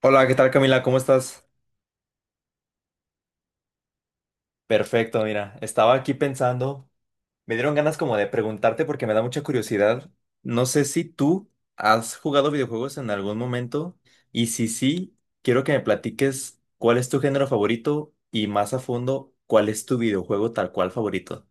Hola, ¿qué tal Camila? ¿Cómo estás? Perfecto, mira, estaba aquí pensando, me dieron ganas como de preguntarte porque me da mucha curiosidad. No sé si tú has jugado videojuegos en algún momento y si sí, quiero que me platiques cuál es tu género favorito y más a fondo, cuál es tu videojuego tal cual favorito.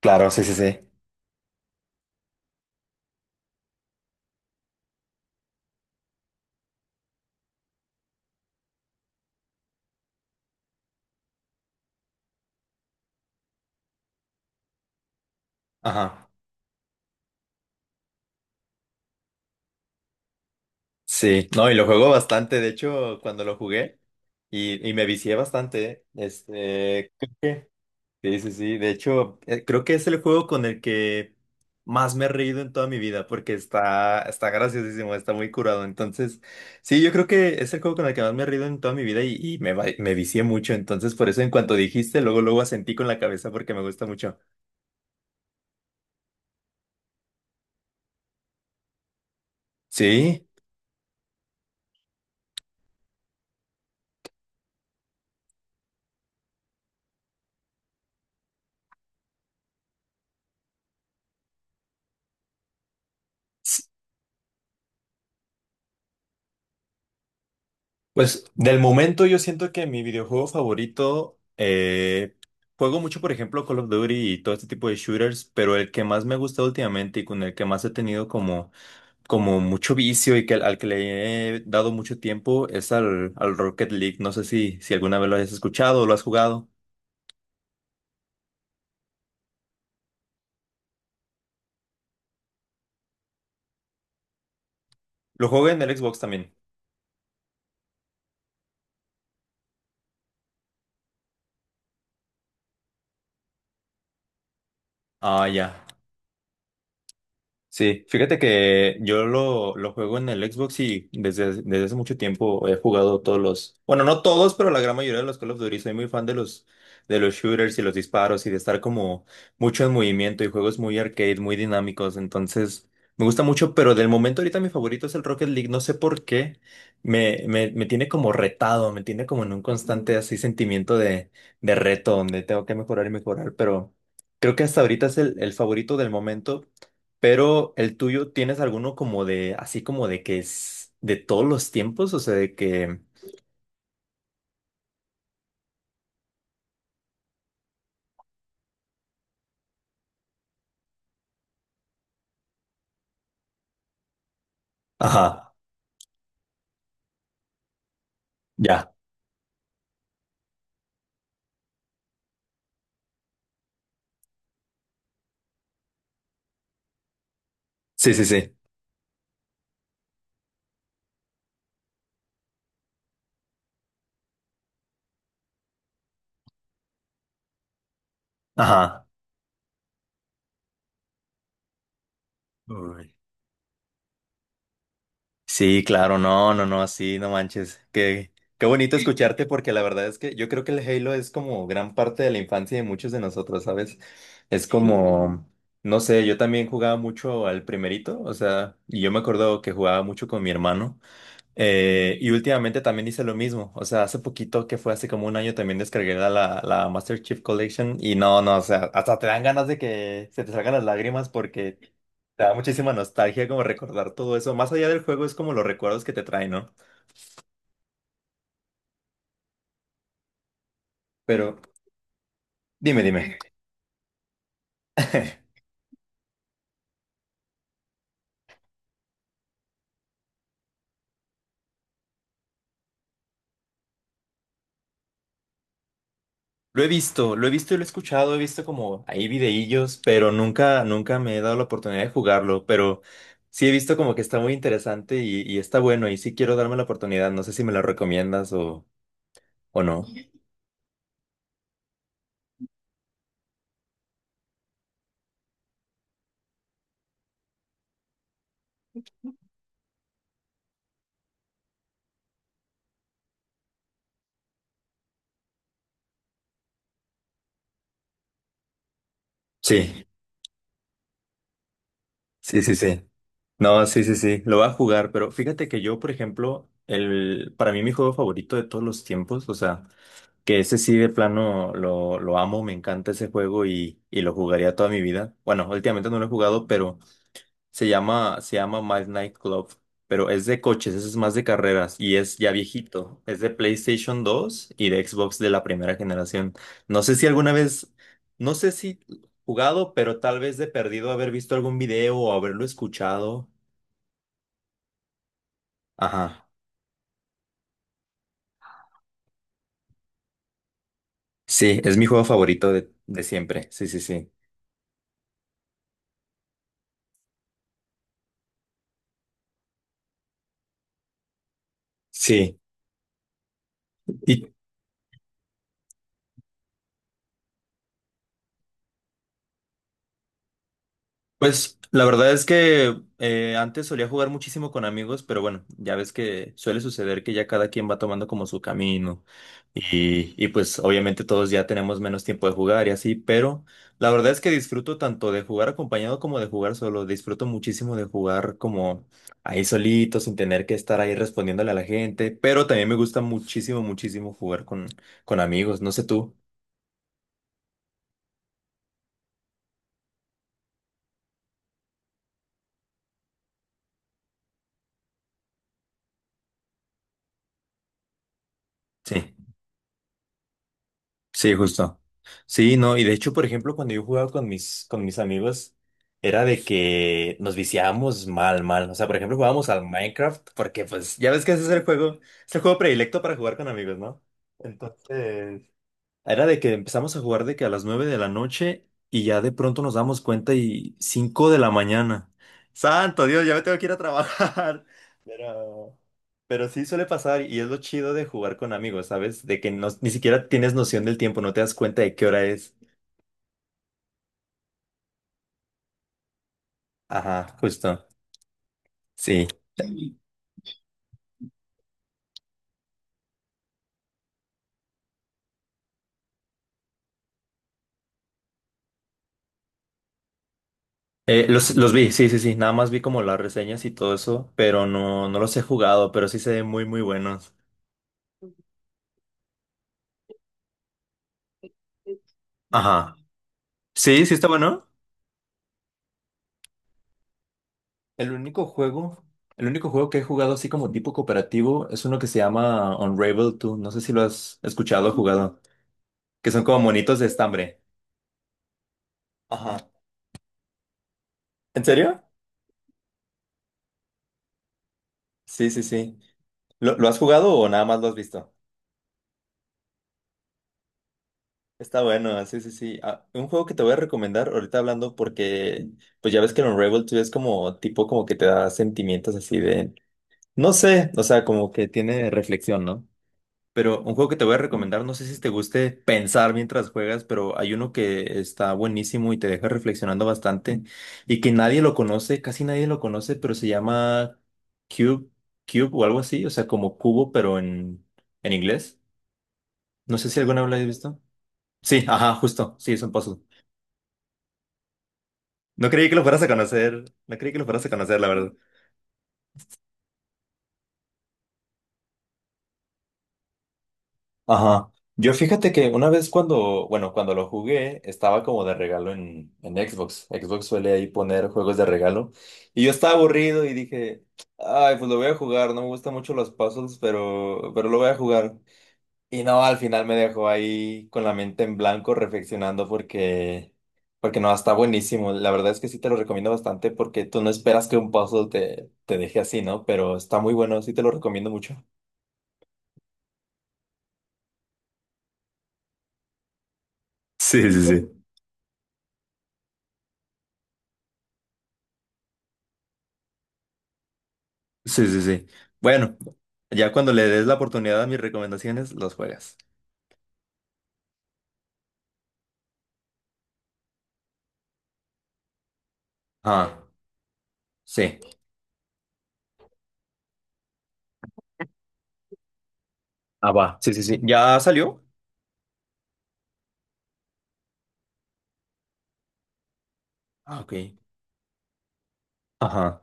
Claro, sí, sí, sí. Ajá. Sí, no, y lo juego bastante, de hecho, cuando lo jugué y me vicié bastante, este. Sí, sí, sí. De hecho, creo que es el juego con el que más me he reído en toda mi vida porque está graciosísimo, está muy curado. Entonces, sí, yo creo que es el juego con el que más me he reído en toda mi vida y me vicié mucho. Entonces, por eso en cuanto dijiste, luego, luego asentí con la cabeza porque me gusta mucho. Sí. S- Pues del momento yo siento que mi videojuego favorito, juego mucho, por ejemplo, Call of Duty y todo este tipo de shooters, pero el que más me ha gustado últimamente y con el que más he tenido como mucho vicio y que al que le he dado mucho tiempo es al Rocket League. No sé si alguna vez lo has escuchado o lo has jugado. Lo jugué en el Xbox también. Ah, ya. Sí, fíjate que yo lo juego en el Xbox y desde hace mucho tiempo he jugado todos los, bueno, no todos, pero la gran mayoría de los Call of Duty. Soy muy fan de los, shooters y los disparos y de estar como mucho en movimiento y juegos muy arcade, muy dinámicos. Entonces, me gusta mucho, pero del momento ahorita mi favorito es el Rocket League. No sé por qué. Me tiene como retado, me tiene como en un constante así sentimiento de reto donde tengo que mejorar y mejorar, pero creo que hasta ahorita es el favorito del momento. Pero el tuyo, ¿tienes alguno como de, así como de que es de todos los tiempos? O sea, de que... Ajá, ya. Sí, sí, sí. Ajá. Uy. Sí, claro, no, no, no, así, no manches. Qué bonito escucharte porque la verdad es que yo creo que el Halo es como gran parte de la infancia de muchos de nosotros, ¿sabes? Es como, no sé, yo también jugaba mucho al primerito, o sea, y yo me acuerdo que jugaba mucho con mi hermano. Y últimamente también hice lo mismo. O sea, hace poquito que fue hace como un año también descargué la, la Master Chief Collection. Y no, no, o sea, hasta te dan ganas de que se te salgan las lágrimas porque te da muchísima nostalgia como recordar todo eso. Más allá del juego es como los recuerdos que te traen, ¿no? Pero dime, dime. Lo he visto y lo he escuchado, he visto como ahí videillos, pero nunca, nunca me he dado la oportunidad de jugarlo. Pero sí he visto como que está muy interesante y está bueno. Y sí quiero darme la oportunidad. No sé si me lo recomiendas o ¿O no? Sí, sí, sí, sí. No, sí, sí, sí. Lo va a jugar, pero fíjate que yo, por ejemplo, para mí mi juego favorito de todos los tiempos, o sea, que ese sí de plano lo amo, me encanta ese juego y lo jugaría toda mi vida. Bueno, últimamente no lo he jugado, pero se llama Miles Night Club, pero es de coches, ese es más de carreras y es ya viejito. Es de PlayStation 2 y de Xbox de la primera generación. No sé si alguna vez, no sé si jugado, pero tal vez de perdido haber visto algún video o haberlo escuchado. Ajá. Sí, es mi juego favorito de siempre. Sí, sí, sí. Sí. ¿Y Pues la verdad es que antes solía jugar muchísimo con amigos, pero bueno, ya ves que suele suceder que ya cada quien va tomando como su camino y pues obviamente todos ya tenemos menos tiempo de jugar y así, pero la verdad es que disfruto tanto de jugar acompañado como de jugar solo, disfruto muchísimo de jugar como ahí solito, sin tener que estar ahí respondiéndole a la gente, pero también me gusta muchísimo, muchísimo jugar con, amigos, no sé tú. Sí. Sí, justo. Sí, no, y de hecho, por ejemplo, cuando yo jugaba con mis amigos, era de que nos viciábamos mal, mal. O sea, por ejemplo, jugábamos al Minecraft, porque pues ya ves que ese es el juego predilecto para jugar con amigos, ¿no? Entonces, era de que empezamos a jugar de que a las 9 de la noche y ya de pronto nos damos cuenta y 5 de la mañana. Santo Dios, ya me tengo que ir a trabajar. Pero, pero sí suele pasar y es lo chido de jugar con amigos, ¿sabes? De que no, ni siquiera tienes noción del tiempo, no te das cuenta de qué hora es. Ajá, justo. Sí. Los vi, sí, sí, sí. Nada más vi como las reseñas y todo eso, pero no, no los he jugado, pero sí se ven muy, muy buenos. Ajá. Sí, sí está bueno. El único juego, el único juego que he jugado así como tipo cooperativo es uno que se llama Unravel 2. No sé si lo has escuchado o jugado. Que son como monitos de estambre. Ajá. ¿En serio? Sí, sí, sí. ¿Lo has jugado o nada más lo has visto? Está bueno, sí, sí, sí. Ah, un juego que te voy a recomendar ahorita hablando porque pues ya ves que el Unravel 2 es como tipo como que te da sentimientos así de, no sé, o sea, como que tiene reflexión, ¿no? Pero un juego que te voy a recomendar, no sé si te guste pensar mientras juegas, pero hay uno que está buenísimo y te deja reflexionando bastante y que nadie lo conoce, casi nadie lo conoce, pero se llama Cube, Cube o algo así, o sea, como cubo, pero en inglés. No sé si alguna vez lo has visto. Sí, ajá, justo, sí, es un puzzle. No creí que lo fueras a conocer, no creí que lo fueras a conocer, la verdad. Ajá. Yo fíjate que una vez cuando, bueno, cuando lo jugué, estaba como de regalo en, Xbox. Xbox suele ahí poner juegos de regalo. Y yo estaba aburrido y dije, ay, pues lo voy a jugar, no me gustan mucho los puzzles, pero lo voy a jugar. Y no, al final me dejó ahí con la mente en blanco reflexionando porque no, está buenísimo. La verdad es que sí te lo recomiendo bastante porque tú no esperas que un puzzle te deje así, ¿no? Pero está muy bueno, sí te lo recomiendo mucho. Sí, sí, sí. Sí, sí, sí. Bueno. Ya cuando le des la oportunidad a mis recomendaciones, los juegas. Ah, sí. Ah, va. Sí, sí, sí. ¿Ya salió? Ah, ok. Ajá.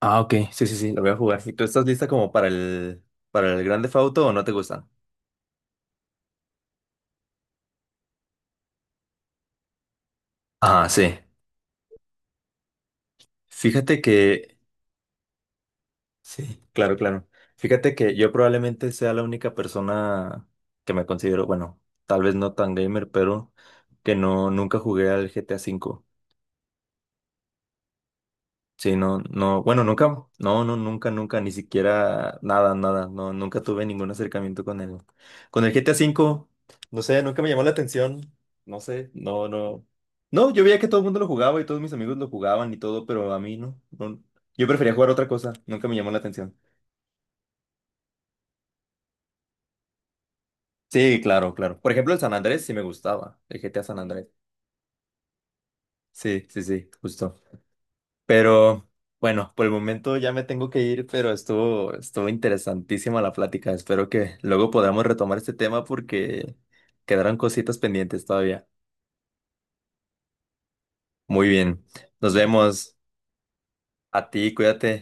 Ah, ok. Sí, sí, sí. Lo voy a jugar. ¿Y tú estás lista como para el Grand Theft Auto o no te gustan? Ah, sí. Fíjate que sí, claro, claro. Fíjate que yo probablemente sea la única persona que me considero, bueno, tal vez no tan gamer, pero que no nunca jugué al GTA V. Sí, no, no, bueno, nunca, no, no, nunca, nunca, ni siquiera nada, nada, no, nunca tuve ningún acercamiento con el, GTA V, no sé, nunca me llamó la atención, no sé, no, no, no, yo veía que todo el mundo lo jugaba y todos mis amigos lo jugaban y todo, pero a mí no, no, yo prefería jugar otra cosa, nunca me llamó la atención. Sí, claro, claro, por ejemplo, el San Andrés sí me gustaba, el GTA San Andrés, sí, sí, sí, justo. Pero bueno, por el momento ya me tengo que ir, pero estuvo interesantísima la plática. Espero que luego podamos retomar este tema porque quedaron cositas pendientes todavía. Muy bien, nos vemos. A ti, cuídate.